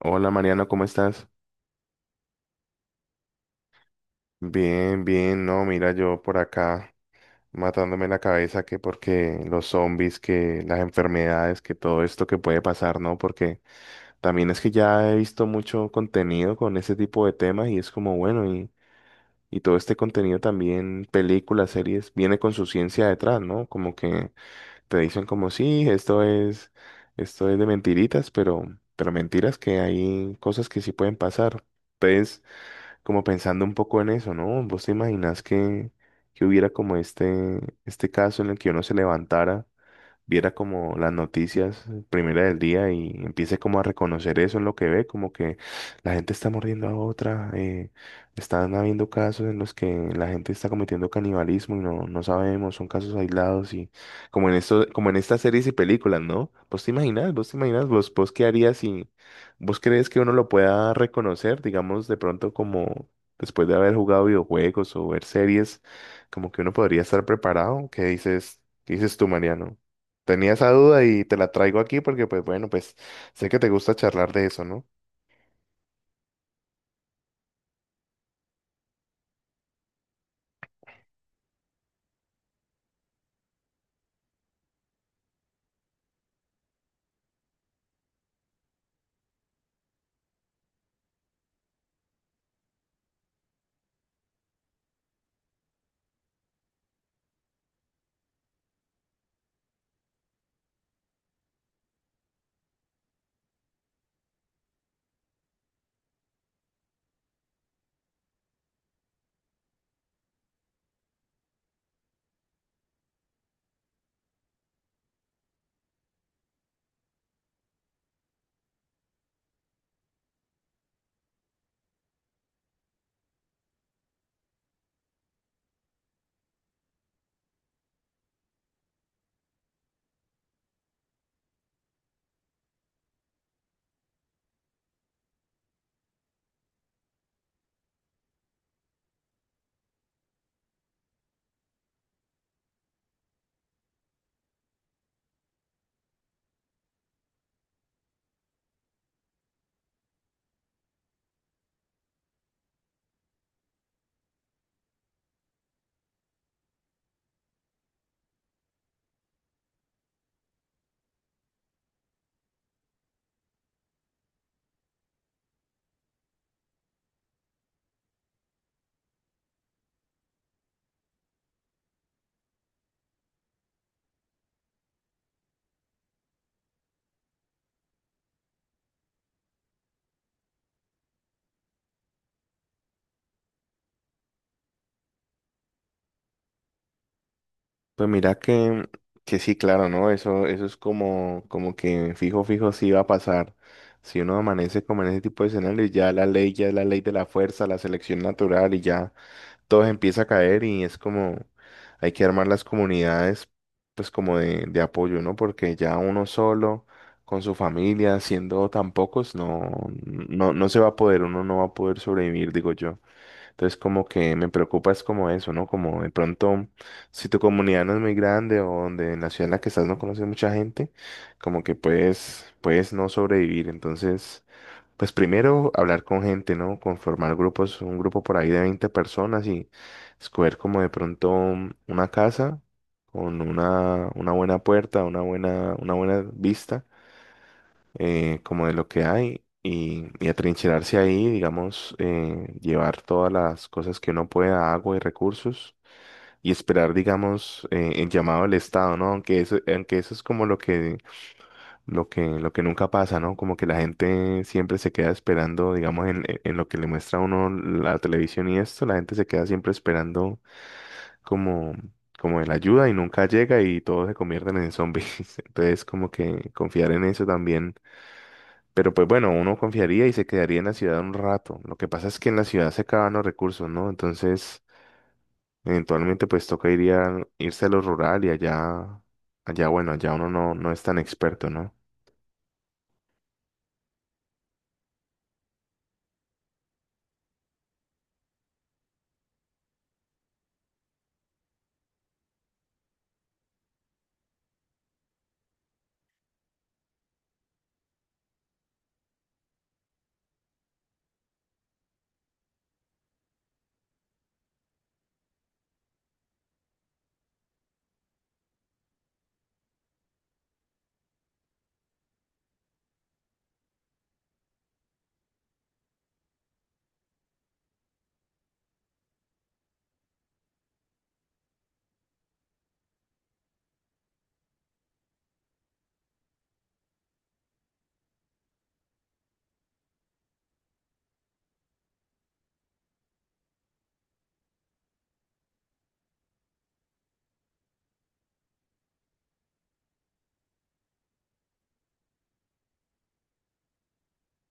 Hola Mariano, ¿cómo estás? Bien, bien, no, mira yo por acá matándome la cabeza que porque los zombies, que las enfermedades, que todo esto que puede pasar, ¿no? Porque también es que ya he visto mucho contenido con ese tipo de temas y es como, bueno, y todo este contenido también, películas, series, viene con su ciencia detrás, ¿no? Como que te dicen como, sí, esto es de mentiritas, pero mentiras que hay cosas que sí pueden pasar. Entonces, como pensando un poco en eso, ¿no? ¿Vos te imaginás que hubiera como este caso en el que uno se levantara, viera como las noticias, primera del día, y empiece como a reconocer eso en lo que ve, como que la gente está mordiendo a otra, están habiendo casos en los que la gente está cometiendo canibalismo y no, no sabemos, son casos aislados y como en esto, como en estas series y películas, ¿no? ¿Vos te imaginas? ¿Vos te imaginas? ¿Vos qué harías si vos crees que uno lo pueda reconocer, digamos, de pronto como después de haber jugado videojuegos o ver series, como que uno podría estar preparado? ¿Qué dices? ¿Qué dices tú, Mariano? Tenía esa duda y te la traigo aquí porque, pues bueno, pues sé que te gusta charlar de eso, ¿no? Pues mira que sí, claro, ¿no? Eso es como que fijo, fijo, sí va a pasar. Si uno amanece como en ese tipo de escenarios, ya es la ley de la fuerza, la selección natural, y ya todo empieza a caer y es como, hay que armar las comunidades, pues como de apoyo, ¿no? Porque ya uno solo, con su familia, siendo tan pocos, no, no, no se va a poder, uno no va a poder sobrevivir, digo yo. Entonces como que me preocupa es como eso, ¿no? Como de pronto, si tu comunidad no es muy grande o donde en la ciudad en la que estás no conoces mucha gente, como que puedes no sobrevivir. Entonces, pues primero hablar con gente, ¿no? Conformar grupos, un grupo por ahí de 20 personas, y escoger como de pronto una casa con una buena puerta, una buena vista, como de lo que hay, y atrincherarse ahí, digamos, llevar todas las cosas que uno pueda, agua y recursos, y esperar, digamos, el llamado del Estado, ¿no? Aunque eso es como lo que nunca pasa, ¿no? Como que la gente siempre se queda esperando, digamos, en lo que le muestra a uno la televisión, y esto, la gente se queda siempre esperando como... como de la ayuda, y nunca llega y todos se convierten en zombies. Entonces, como que confiar en eso también, pero pues bueno, uno confiaría y se quedaría en la ciudad un rato. Lo que pasa es que en la ciudad se acaban los recursos, ¿no? Entonces, eventualmente pues toca irse a lo rural, y bueno, allá uno no, no es tan experto, ¿no?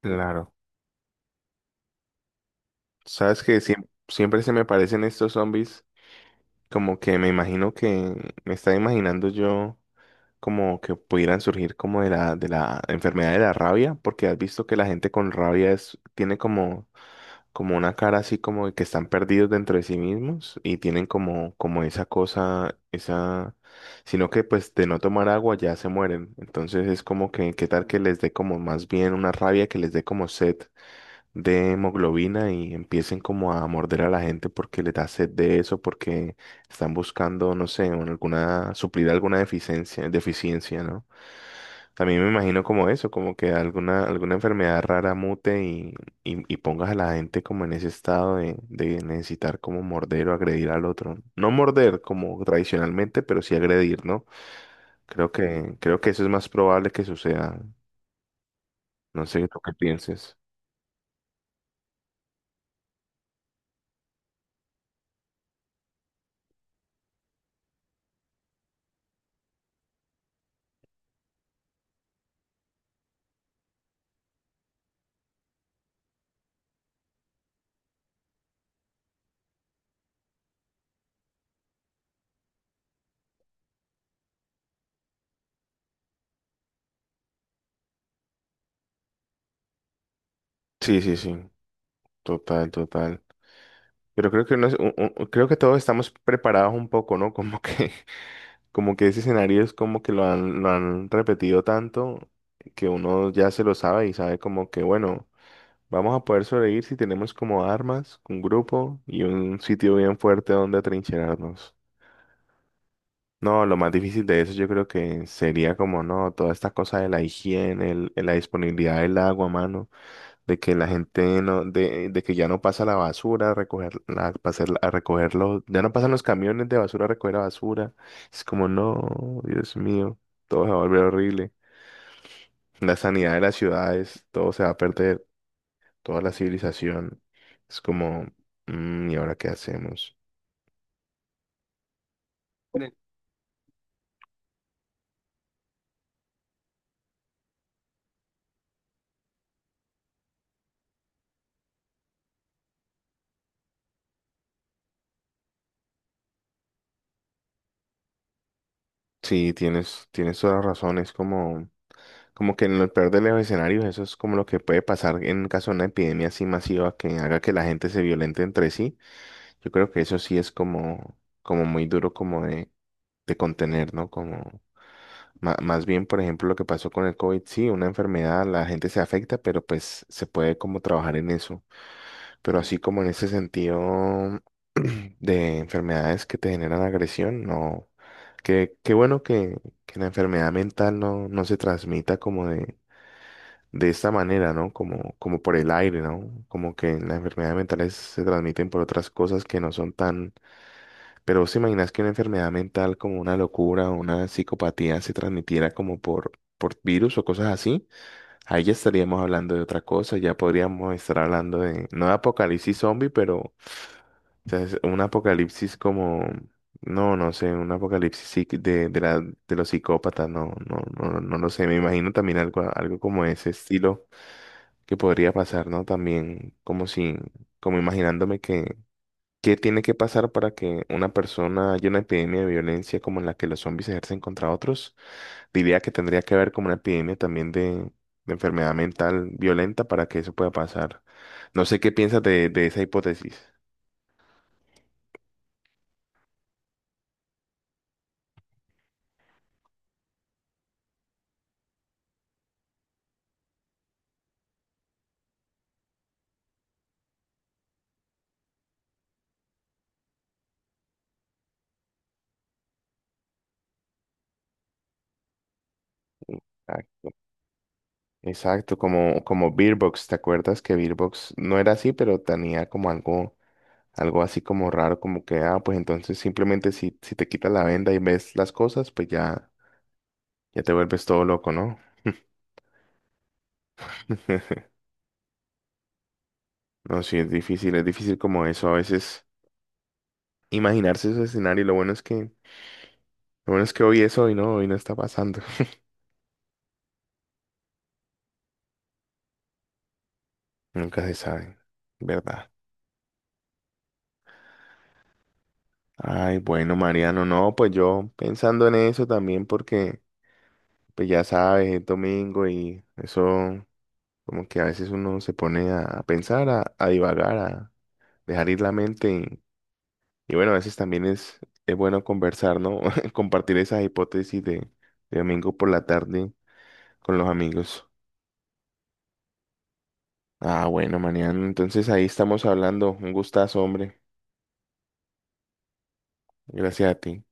Claro. Sabes que siempre, siempre se me parecen estos zombies, como que me imagino que me estaba imaginando yo como que pudieran surgir como de la enfermedad de la rabia, porque has visto que la gente con rabia es, tiene como una cara así como de que están perdidos dentro de sí mismos y tienen como esa cosa, sino que pues de no tomar agua ya se mueren. Entonces es como que, ¿qué tal que les dé como más bien una rabia, que les dé como sed de hemoglobina y empiecen como a morder a la gente porque les da sed de eso, porque están buscando, no sé, suplir alguna deficiencia, ¿no? También me imagino como eso, como que alguna enfermedad rara mute y pongas a la gente como en ese estado de necesitar como morder o agredir al otro. No morder como tradicionalmente, pero sí agredir, ¿no? Creo que eso es más probable que suceda. No sé tú qué pienses. Sí, sí, sí. Total, total. Pero creo que todos estamos preparados un poco, ¿no? Como que, como que ese escenario es como que lo han repetido tanto que uno ya se lo sabe y sabe como que, bueno. Vamos a poder sobrevivir si tenemos como armas, un grupo y un sitio bien fuerte donde atrincherarnos. No, lo más difícil de eso yo creo que sería como, no, toda esta cosa de la higiene, la disponibilidad del agua, mano, de que la gente no, de que ya no pasa la basura a recoger, a recogerlo, ya no pasan los camiones de basura a recoger la basura. Es como, no, Dios mío, todo se va a volver horrible. La sanidad de las ciudades, todo se va a perder. Toda la civilización. Es como, "Mm, ¿y ahora qué hacemos?" Bueno. Sí, tienes toda la razón. Es como que en el peor de los escenarios, eso es como lo que puede pasar en caso de una epidemia así masiva que haga que la gente se violente entre sí. Yo creo que eso sí es como muy duro como de contener, ¿no? Como más bien, por ejemplo, lo que pasó con el COVID, sí, una enfermedad, la gente se afecta, pero pues se puede como trabajar en eso. Pero así como en ese sentido de enfermedades que te generan agresión, no. Qué bueno que la enfermedad mental no, no se transmita como de esta manera, ¿no? Como por el aire, ¿no? Como que las enfermedades mentales se transmiten por otras cosas que no son tan. Pero ¿vos te imaginas que una enfermedad mental como una locura o una psicopatía se transmitiera como por virus o cosas así? Ahí ya estaríamos hablando de otra cosa, ya podríamos estar hablando no de apocalipsis zombie, pero o sea, es un apocalipsis como, no, no sé, un apocalipsis de los psicópatas, no, no, no, no lo sé. Me imagino también algo como ese estilo que podría pasar, ¿no? También como si, como imaginándome que, ¿qué tiene que pasar para que una persona haya una epidemia de violencia como en la que los zombies ejercen contra otros? Diría que tendría que haber como una epidemia también de enfermedad mental violenta para que eso pueda pasar. No sé qué piensas de esa hipótesis. Exacto, como Beerbox, ¿te acuerdas que Beerbox no era así, pero tenía como algo así como raro, como que, ah, pues entonces simplemente si te quitas la venda y ves las cosas, pues ya te vuelves todo loco, ¿no? No, sí, es difícil como eso, a veces imaginarse ese escenario. Lo bueno es que hoy es hoy, ¿no? Hoy no está pasando. Nunca se sabe, ¿verdad? Ay, bueno, Mariano, no, pues yo pensando en eso también porque pues ya sabes, es domingo y eso como que a veces uno se pone a pensar, a divagar, a dejar ir la mente y bueno, a veces también es bueno conversar, ¿no? Compartir esas hipótesis de domingo por la tarde con los amigos. Ah, bueno, mañana, entonces ahí estamos hablando. Un gustazo, hombre. Gracias a ti.